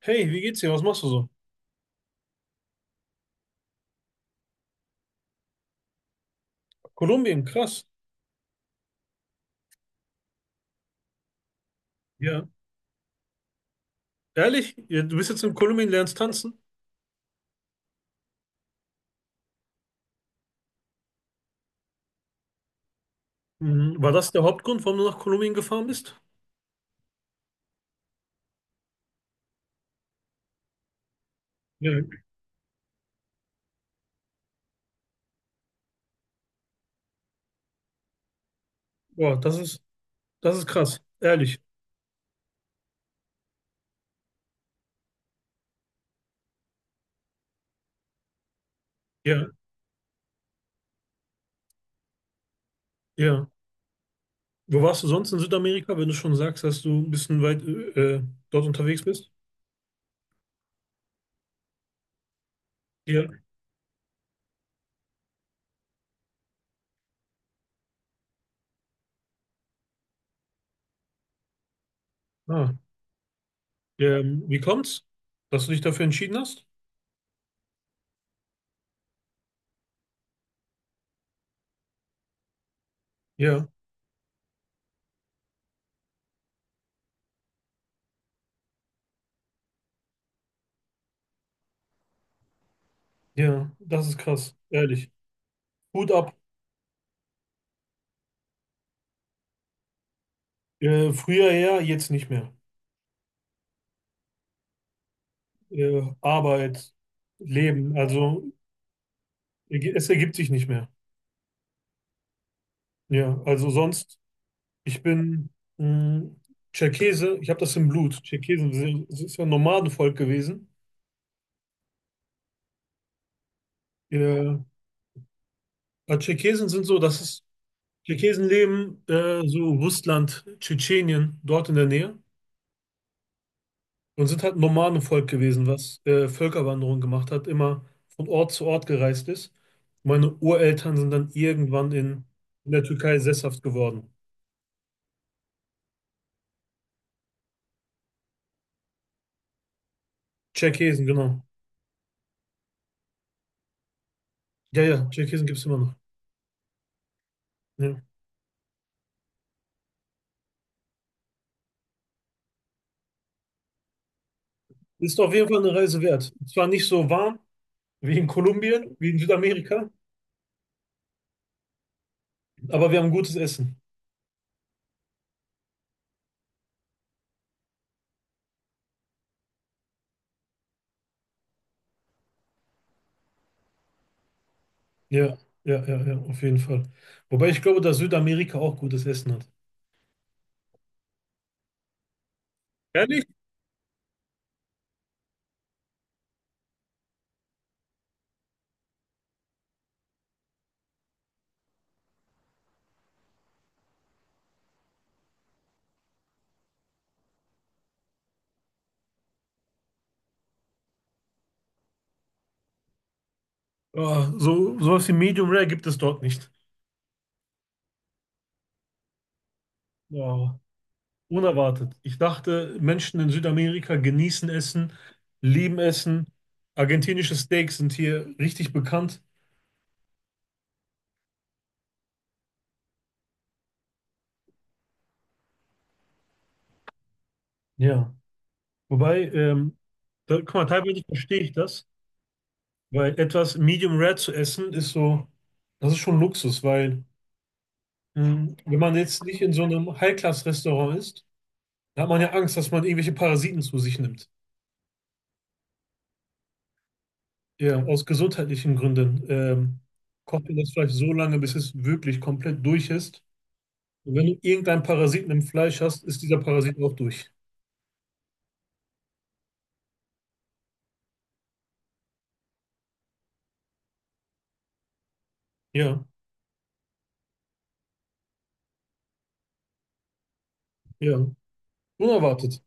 Hey, wie geht's dir? Was machst du so? Kolumbien, krass. Ja. Ehrlich? Ja, du bist jetzt in Kolumbien, lernst tanzen? Mhm. War das der Hauptgrund, warum du nach Kolumbien gefahren bist? Ja. Boah, das ist krass. Ehrlich. Ja, ja. Wo warst du sonst in Südamerika, wenn du schon sagst, dass du ein bisschen weit dort unterwegs bist? Ja. Ah. Wie kommt's, dass du dich dafür entschieden hast? Ja, ja, das ist krass. Ehrlich. Hut ab. Früher ja, jetzt nicht mehr. Arbeit. Leben. Also es ergibt sich nicht mehr. Ja, also sonst, ich bin mh, Tscherkesse, ich habe das im Blut. Es ist ja ein Nomadenvolk gewesen. Ja. Aber Tscherkesen sind so, das ist, Tscherkesen leben so Russland, Tschetschenien, dort in der Nähe und sind halt ein Nomadenvolk gewesen, was Völkerwanderung gemacht hat, immer von Ort zu Ort gereist ist. Meine Ureltern sind dann irgendwann in der Türkei sesshaft geworden. Tscherkesen, genau. Ja, ja, Tscherkesen gibt es immer noch. Ja. Ist auf jeden Fall eine Reise wert. Zwar nicht so warm wie in Kolumbien, wie in Südamerika, aber wir haben gutes Essen. Ja, ja, ja, ja, auf jeden Fall. Wobei ich glaube, dass Südamerika auch gutes Essen hat. Ehrlich? Ja, sowas wie Medium Rare gibt es dort nicht. Ja, unerwartet. Ich dachte, Menschen in Südamerika genießen Essen, lieben Essen. Argentinische Steaks sind hier richtig bekannt. Ja. Wobei, da, guck mal, teilweise verstehe ich das. Weil etwas Medium Rare zu essen ist so, das ist schon Luxus, weil wenn man jetzt nicht in so einem High-Class-Restaurant ist, dann hat man ja Angst, dass man irgendwelche Parasiten zu sich nimmt. Ja, aus gesundheitlichen Gründen kocht man das Fleisch so lange, bis es wirklich komplett durch ist. Und wenn du irgendeinen Parasiten im Fleisch hast, ist dieser Parasit auch durch. Ja, ja. Unerwartet.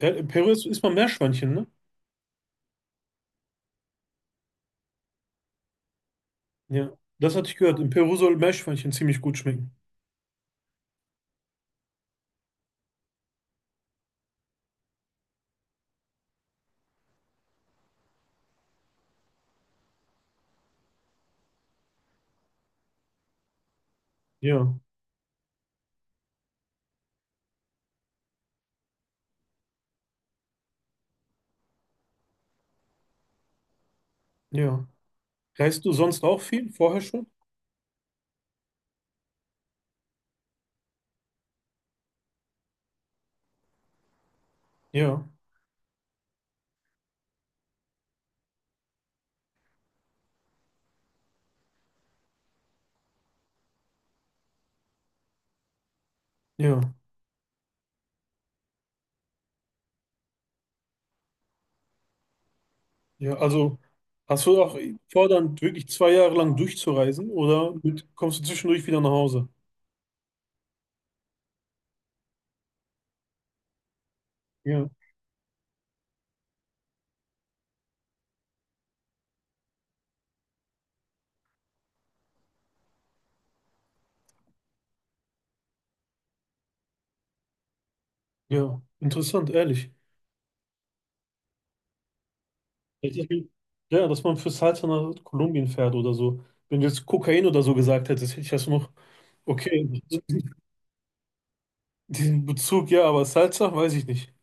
Ja, in Peru isst man Meerschweinchen, ne? Ja, das hatte ich gehört. In Peru soll Meerschweinchen ziemlich gut schmecken. Ja, ja. Reist du sonst auch viel? Vorher schon? Ja, ja, ja. Also hast du auch vor, dann wirklich 2 Jahre lang durchzureisen oder kommst du zwischendurch wieder nach Hause? Ja, ja. Interessant, ehrlich. Richtig. Ja, dass man fürs Salz nach Kolumbien fährt oder so. Wenn du jetzt Kokain oder so gesagt hättest, hätte ich das noch, okay, diesen Bezug, ja, aber Salsa, weiß ich nicht.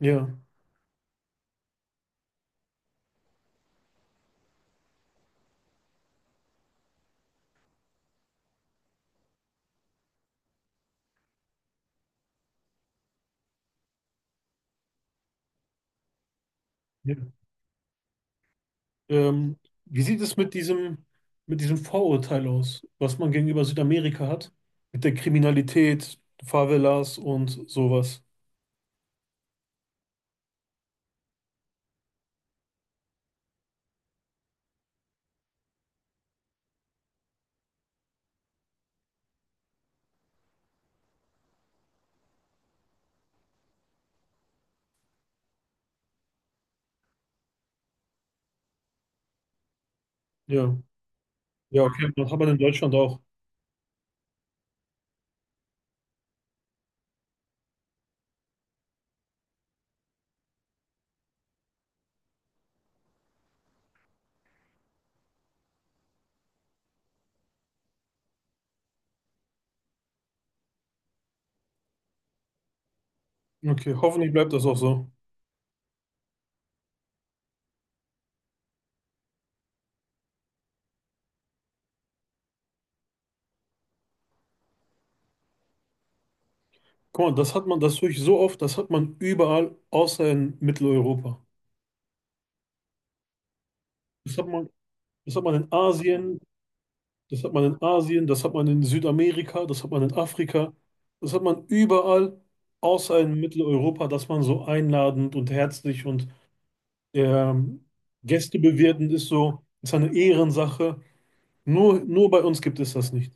Ja, Ähm, wie sieht es mit diesem Vorurteil aus, was man gegenüber Südamerika hat? Mit der Kriminalität, Favelas und sowas. Ja. Ja, okay. Das hat man in Deutschland auch. Okay, hoffentlich bleibt das auch so. Guck mal, das höre ich so oft, das hat man überall außer in Mitteleuropa. Das hat man, das hat man in Asien, das hat man in Südamerika, das hat man in Afrika, das hat man überall außer in Mitteleuropa, dass man so einladend und herzlich und Ähm, Gäste bewirten ist so, ist eine Ehrensache. Nur bei uns gibt es das nicht.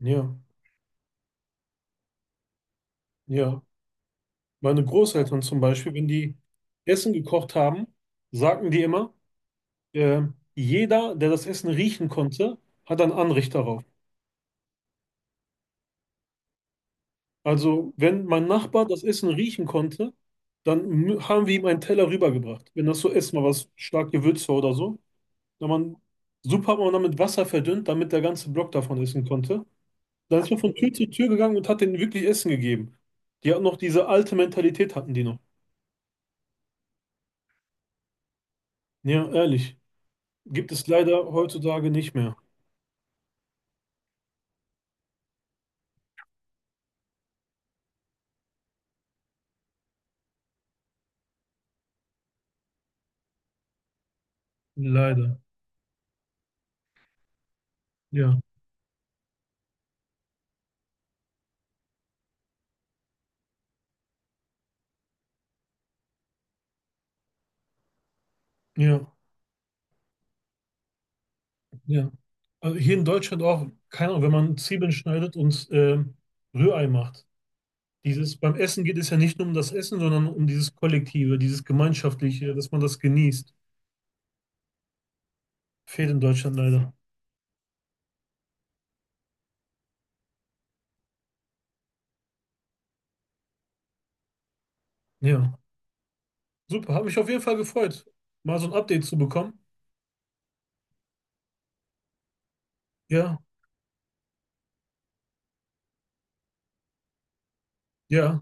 Ja, ja. Meine Großeltern zum Beispiel, wenn die Essen gekocht haben, sagten die immer, jeder, der das Essen riechen konnte, hat ein Anrecht darauf. Also, wenn mein Nachbar das Essen riechen konnte, dann haben wir ihm einen Teller rübergebracht. Wenn das so erstmal was stark gewürzt war oder so, dann man, Suppe hat man dann mit Wasser verdünnt, damit der ganze Block davon essen konnte. Dann ist man von Tür zu Tür gegangen und hat denen wirklich Essen gegeben. Die hatten noch diese alte Mentalität, hatten die noch. Ja, ehrlich. Gibt es leider heutzutage nicht mehr. Leider. Ja, ja, ja. Also hier in Deutschland auch, keine Ahnung, wenn man Zwiebeln schneidet und Rührei macht. Beim Essen geht es ja nicht nur um das Essen, sondern um dieses Kollektive, dieses Gemeinschaftliche, dass man das genießt. Fehlt in Deutschland leider. Ja. Super, hat mich auf jeden Fall gefreut, mal so ein Update zu bekommen. Ja, ja,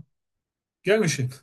gern geschehen.